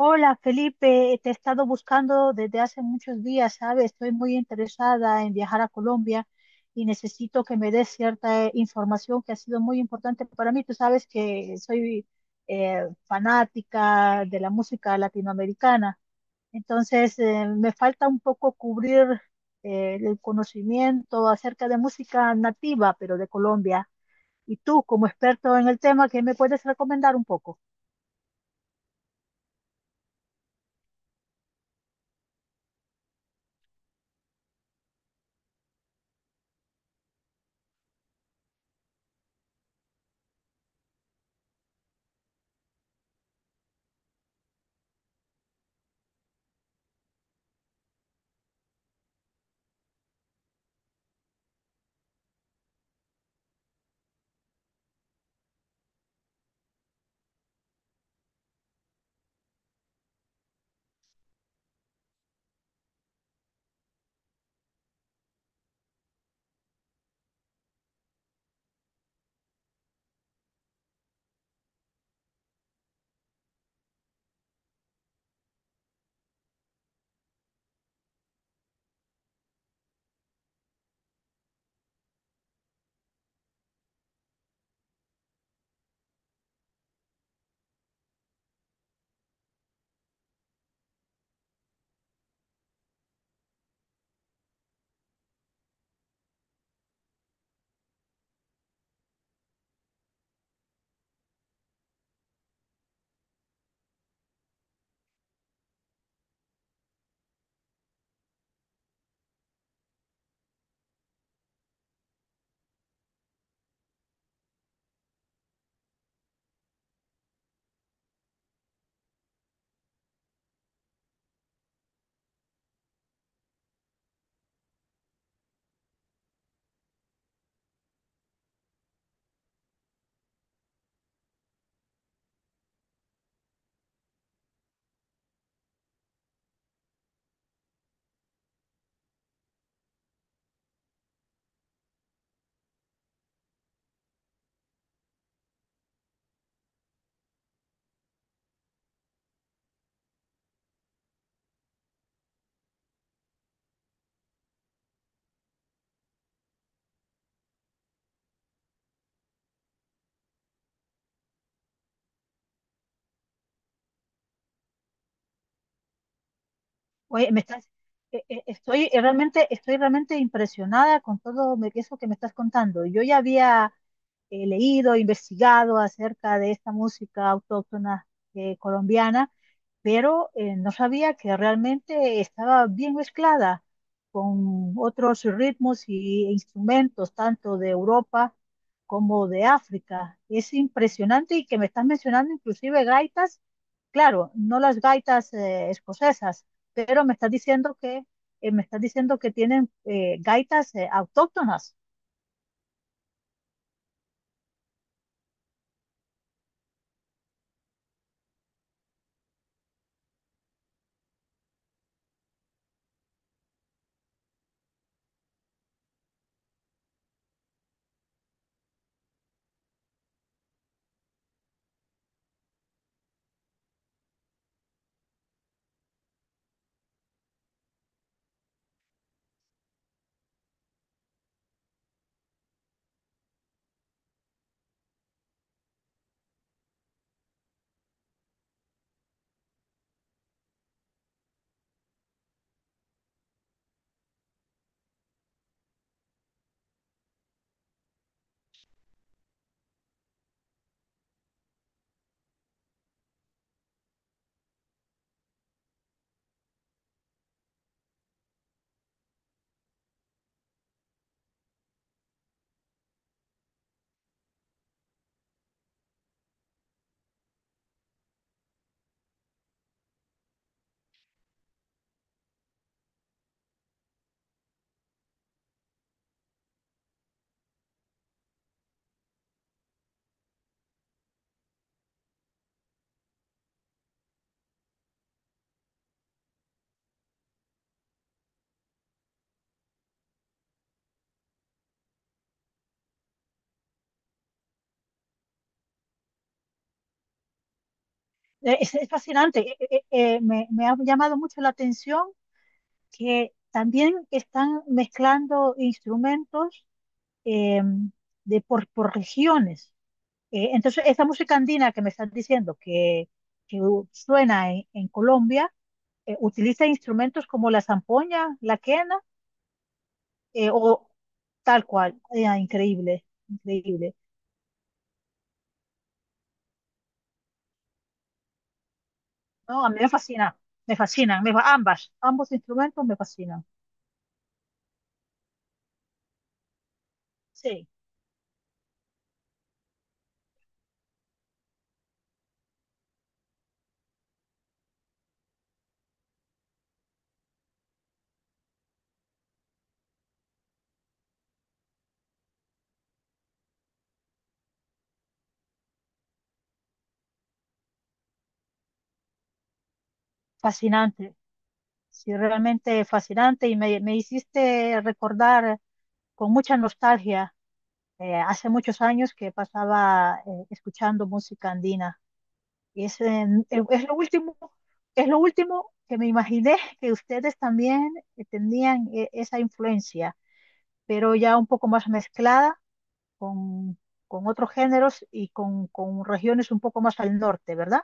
Hola Felipe, te he estado buscando desde hace muchos días, ¿sabes? Estoy muy interesada en viajar a Colombia y necesito que me des cierta información que ha sido muy importante para mí. Tú sabes que soy fanática de la música latinoamericana, entonces me falta un poco cubrir el conocimiento acerca de música nativa, pero de Colombia. Y tú, como experto en el tema, ¿qué me puedes recomendar un poco? Oye, me estás, estoy realmente, estoy realmente impresionada con todo eso que me estás contando. Yo ya había leído, investigado acerca de esta música autóctona colombiana, pero no sabía que realmente estaba bien mezclada con otros ritmos y instrumentos, tanto de Europa como de África. Es impresionante y que me estás mencionando inclusive gaitas, claro, no las gaitas escocesas, pero me estás diciendo que tienen gaitas autóctonas. Es fascinante. Me, me ha llamado mucho la atención que también están mezclando instrumentos eh, de por regiones. Entonces, esa música andina que me estás diciendo que, suena en Colombia, utiliza instrumentos como la zampoña, la quena, o tal cual. Ah, increíble, increíble. No, a mí me fascina, me fascinan, ambas, ambos instrumentos me fascinan. Sí, fascinante. Sí, realmente fascinante y me hiciste recordar con mucha nostalgia. Hace muchos años que pasaba escuchando música andina. Y es, eh, es lo último, es lo último que me imaginé que ustedes también tenían esa influencia, pero ya un poco más mezclada con, con otros géneros y con regiones un poco más al norte, ¿verdad?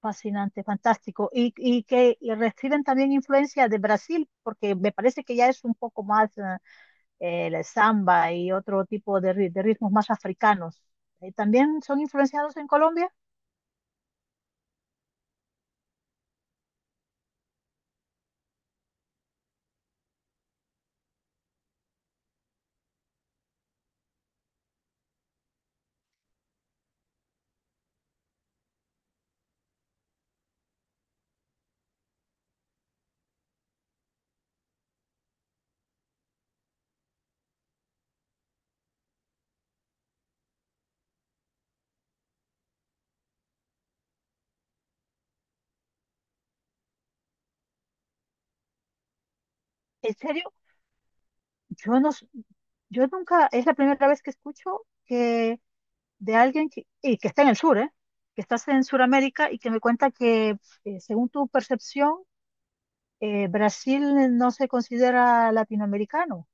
Fascinante, fantástico. Y que y reciben también influencia de Brasil, porque me parece que ya es un poco más... el samba y otro tipo de, de ritmos más africanos, ¿también son influenciados en Colombia? En serio, yo no, s- yo nunca, es la primera vez que escucho que de alguien que, y que está en el sur, ¿eh? Que estás en Sudamérica y que me cuenta que, según tu percepción, Brasil no se considera latinoamericano.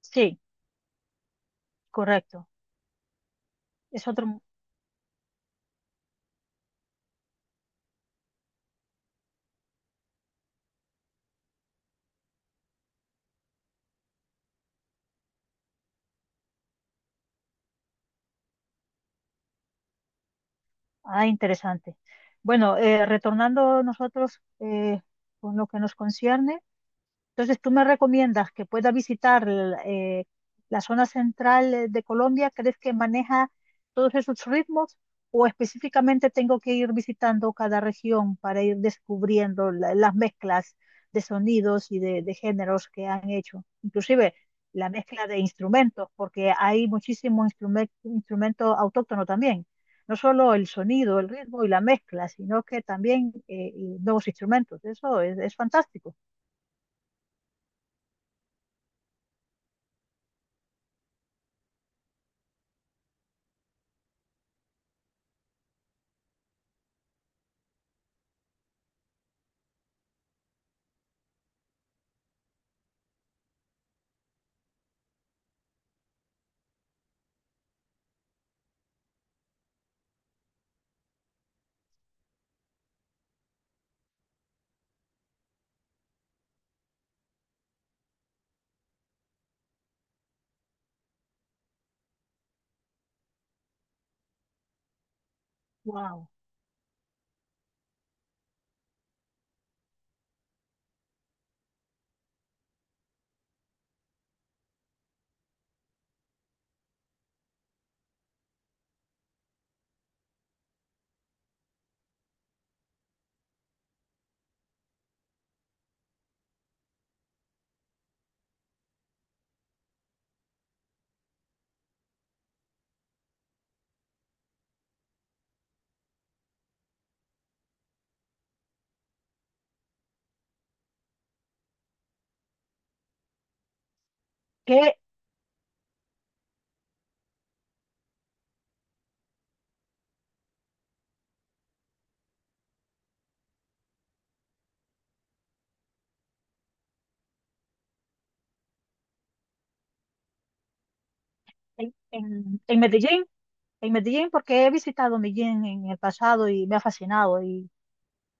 Sí, correcto. Es otro. Ah, interesante. Bueno, retornando nosotros con lo que nos concierne. Entonces, ¿tú me recomiendas que pueda visitar eh, la zona central de Colombia? ¿Crees que maneja todos esos ritmos? ¿O específicamente tengo que ir visitando cada región para ir descubriendo las mezclas de sonidos y de géneros que han hecho? Inclusive la mezcla de instrumentos, porque hay muchísimo instrumento autóctono también. No solo el sonido, el ritmo y la mezcla, sino que también nuevos instrumentos. Eso es fantástico. Wow. que en, en, en Medellín, en Medellín, porque he visitado Medellín en el pasado y me ha fascinado y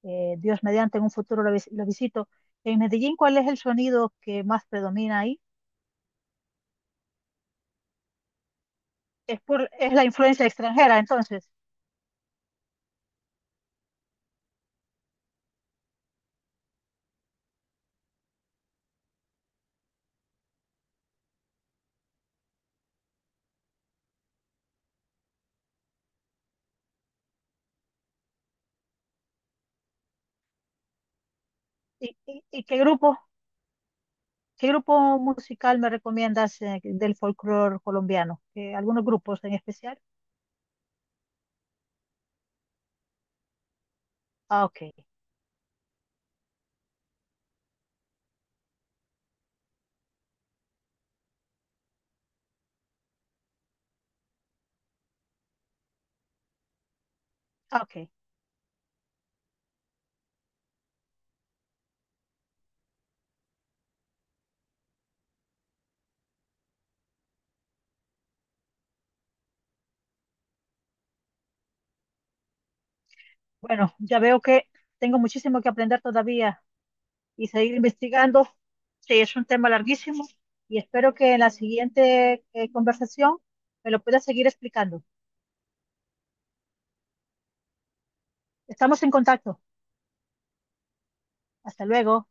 Dios mediante en un futuro lo visito. En Medellín, ¿cuál es el sonido que más predomina ahí? Es por, es la influencia extranjera, entonces. ¿Y, y qué grupo musical me recomiendas del folclore colombiano? ¿Algunos grupos en especial? Ah, ok, ah, ok. Bueno, ya veo que tengo muchísimo que aprender todavía y seguir investigando. Sí, es un tema larguísimo y espero que en la siguiente conversación me lo puedas seguir explicando. Estamos en contacto. Hasta luego.